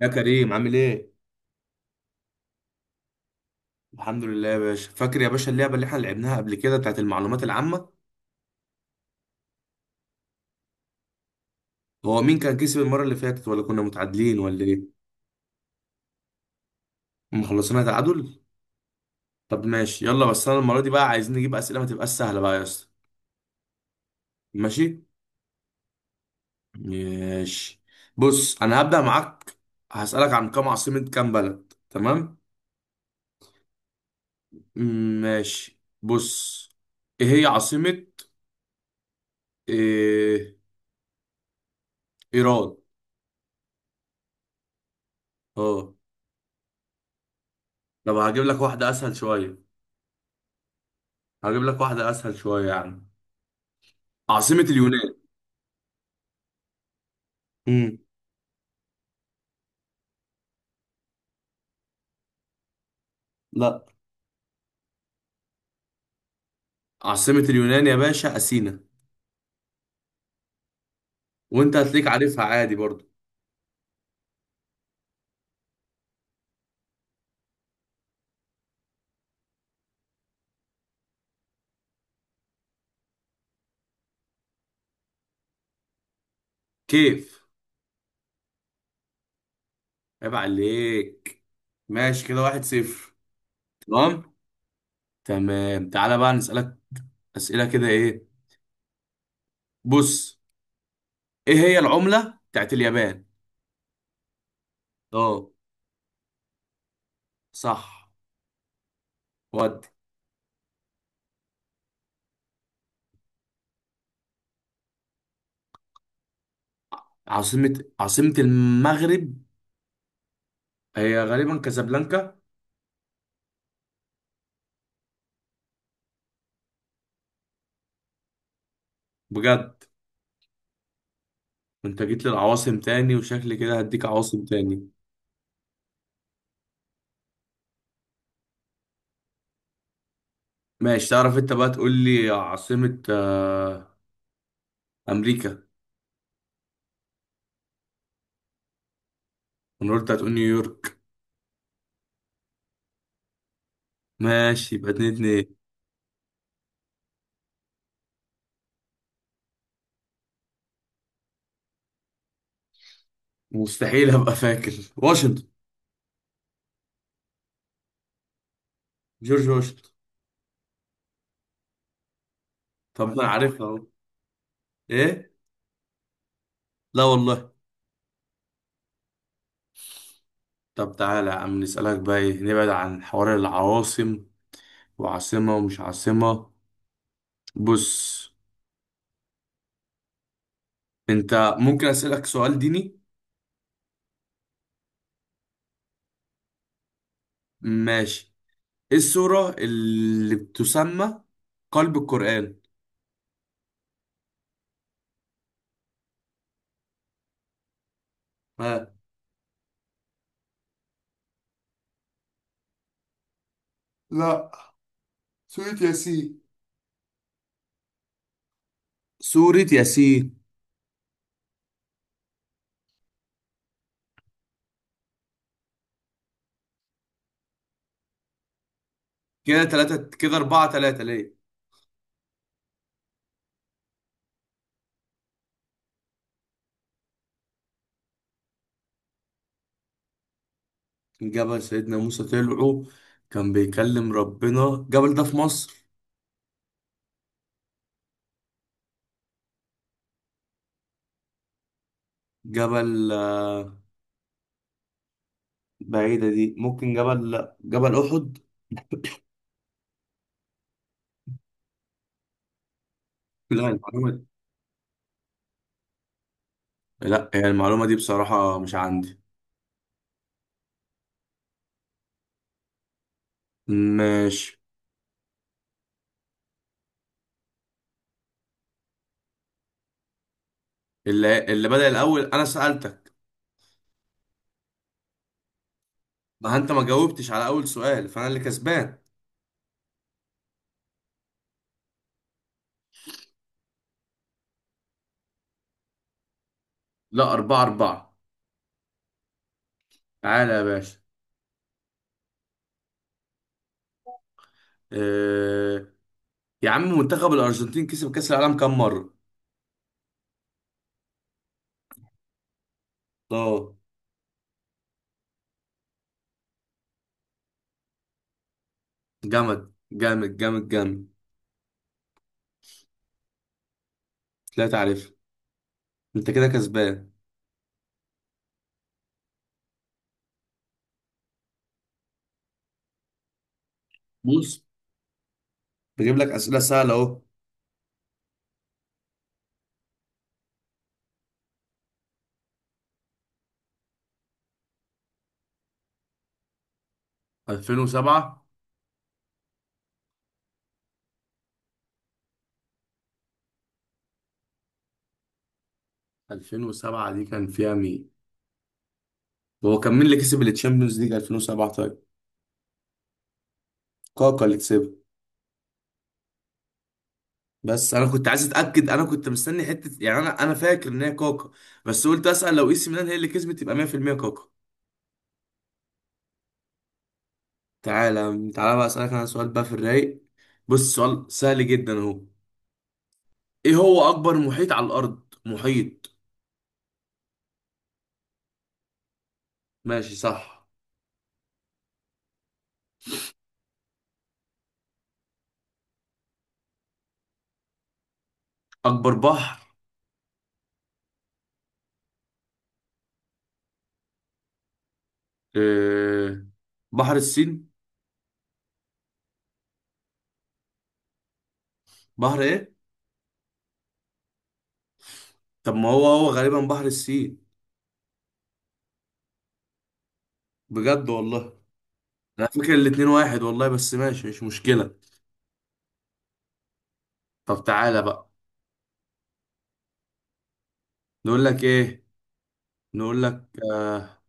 يا كريم، عامل ايه؟ الحمد لله يا باشا. فاكر يا باشا اللعبة اللي احنا لعبناها قبل كده بتاعت المعلومات العامة. هو مين كان كسب المرة اللي فاتت ولا كنا متعادلين ولا ايه؟ مخلصينها تعادل؟ طب ماشي، يلا. بس انا المرة دي بقى عايزين نجيب أسئلة ما تبقاش سهلة بقى يا اسطى. ماشي؟ ماشي، بص انا هبدأ معاك. هسألك عن كام عاصمة، كام بلد، تمام؟ ماشي، بص. ايه هي عاصمة إيه... ايران؟ اه. طب هجيب لك واحدة أسهل شوية. هجيب لك واحدة أسهل شوية يعني. عاصمة اليونان. امم. لا. عاصمة اليونان يا باشا أثينا. وأنت هتلاقيك عارفها عادي برضو. كيف. عيب عليك. ماشي كده 1-0. تمام. تمام، تعالى بقى نسألك أسئلة كده. إيه. بص. إيه هي العملة بتاعت اليابان؟ أه. صح. ودي عاصمة المغرب، هي غالبا كازابلانكا. بجد. أنت جيت للعواصم تاني، وشكلي كده هديك عواصم تاني. ماشي، تعرف أنت بقى تقول لي عاصمة امريكا؟ انا قلت هتقول نيويورك. ماشي، يبقى 2-2. مستحيل ابقى فاكر واشنطن. جورج واشنطن. طب ما انا عارفها اهو. ايه. لا والله. طب تعالى يا عم نسألك بقى ايه، نبعد عن حوار العواصم وعاصمة ومش عاصمة. بص. انت، ممكن اسألك سؤال ديني؟ ماشي. ايه السورة اللي بتسمى قلب القرآن؟ ها. لا. سورة ياسين. سورة ياسين. كده تلاتة، كده أربعة تلاتة ليه. جبل سيدنا موسى طلعه كان بيكلم ربنا، الجبل ده في مصر. جبل بعيدة دي، ممكن جبل، لا، جبل أحد. لا المعلومة دي، لا يعني المعلومة دي بصراحة مش عندي. ماشي. اللي بدأ الأول أنا سألتك. ما أنت ما جاوبتش على أول سؤال، فأنا اللي كسبان. لا، 4-4. تعالى يا باشا. أه... يا عم، منتخب الأرجنتين كسب كأس العالم كام مرة؟ اه. جامد. جامد جامد جامد. لا تعرف، أنت كده كسبان. بص، بجيب لك اسئله سهله اهو. 2007؟ 2007 دي كان فيها مين، هو كان مين اللي كسب التشامبيونز ليج 2007؟ طيب. كاكا اللي كسبها. بس انا كنت عايز اتاكد، انا كنت مستني حته يعني، انا فاكر ان هي كاكا. بس قلت اسال، لو اي سي ميلان هي اللي كسبت يبقى 100% كاكا. تعالى تعالى بقى اسالك انا سؤال بقى في الرايق. بص، سؤال سهل جدا اهو. ايه هو اكبر محيط على الارض، محيط؟ ماشي صح. اكبر بحر. إيه... بحر الصين. بحر ايه؟ طب ما هو غالبا بحر السين. بجد والله. انا فاكر الاتنين واحد والله، بس ماشي مش مشكلة. طب تعالى بقى، نقول لك ايه، نقول لك.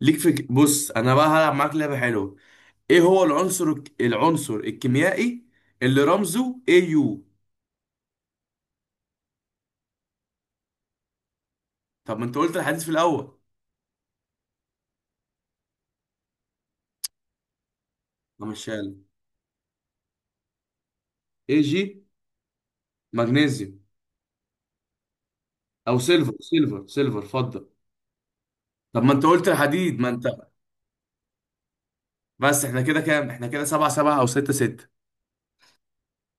ليك بص، انا بقى هلعب معاك لعبة حلوة. ايه هو العنصر الكيميائي اللي رمزه اي يو؟ طب ما انت قلت الحديث في الاول. همشيها لك. اي جي. مغنيسيوم. او سيلفر، سيلفر سيلفر، اتفضل. طب ما انت قلت الحديد، ما انت. بس احنا كده كام، احنا كده 7-7 او 6-6.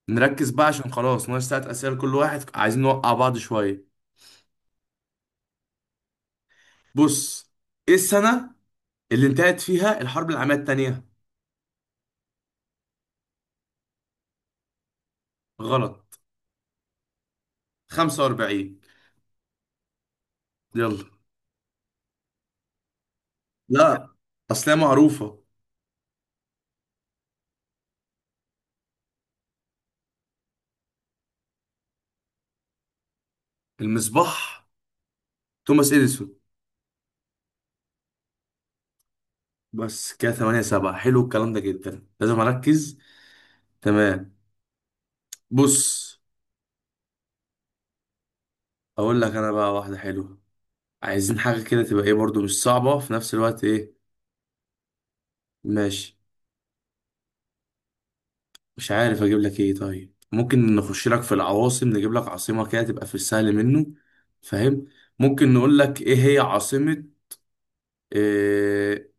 نركز بقى عشان خلاص ناقص تلات أسئلة لكل واحد، عايزين نوقع بعض شوية. بص. إيه السنة اللي انتهت فيها الحرب العالمية التانية؟ غلط. 45. يلا. لا، أصل هي معروفة. المصباح. توماس إديسون. بس كده 8-7، حلو الكلام ده جدا، لازم أركز. تمام. بص. أقول لك أنا بقى واحدة حلوة. عايزين حاجة كده تبقى إيه برضو، مش صعبة في نفس الوقت. إيه. ماشي. مش عارف اجيب لك ايه، طيب ممكن نخش لك في العواصم، نجيب لك عاصمة كده تبقى في السهل منه. فاهم. ممكن نقول لك ايه هي عاصمة. إيه.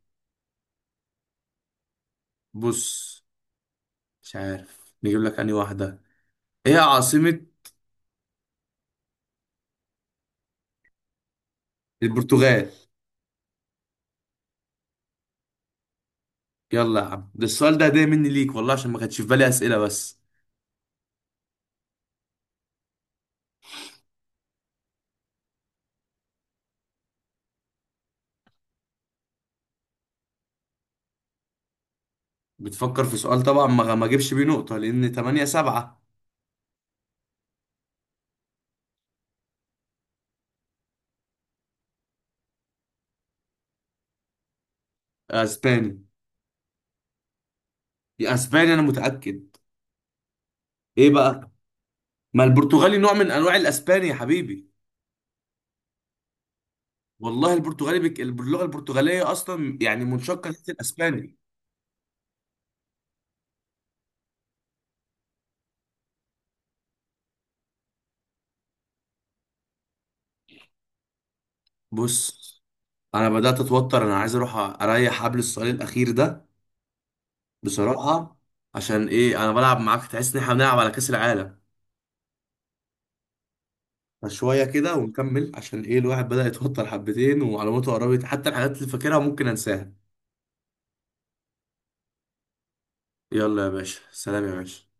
بص. مش عارف نجيب لك انهي واحدة. ايه هي عاصمة البرتغال؟ يلا يا عم، ده السؤال ده هدية مني ليك والله، عشان ما كانش في بالي اسئلة بس. بتفكر في سؤال، طبعا ما اجيبش بيه نقطة لان 8-7. اسباني. يا اسباني انا متأكد. ايه بقى. ما البرتغالي نوع من انواع الاسباني يا حبيبي. والله البرتغالي اللغه البرتغاليه اصلا يعني منشقه من الاسباني. بص، انا بدات اتوتر، انا عايز اروح اريح حبل السؤال الاخير ده. بصراحه. عشان ايه انا بلعب معاك، تحس ان احنا بنلعب على كاس العالم. فشويه كده ونكمل، عشان ايه الواحد بدا يتوتر حبتين ومعلوماته قربت، حتى الحاجات اللي فاكرها ممكن انساها. يلا يا باشا، سلام يا باشا.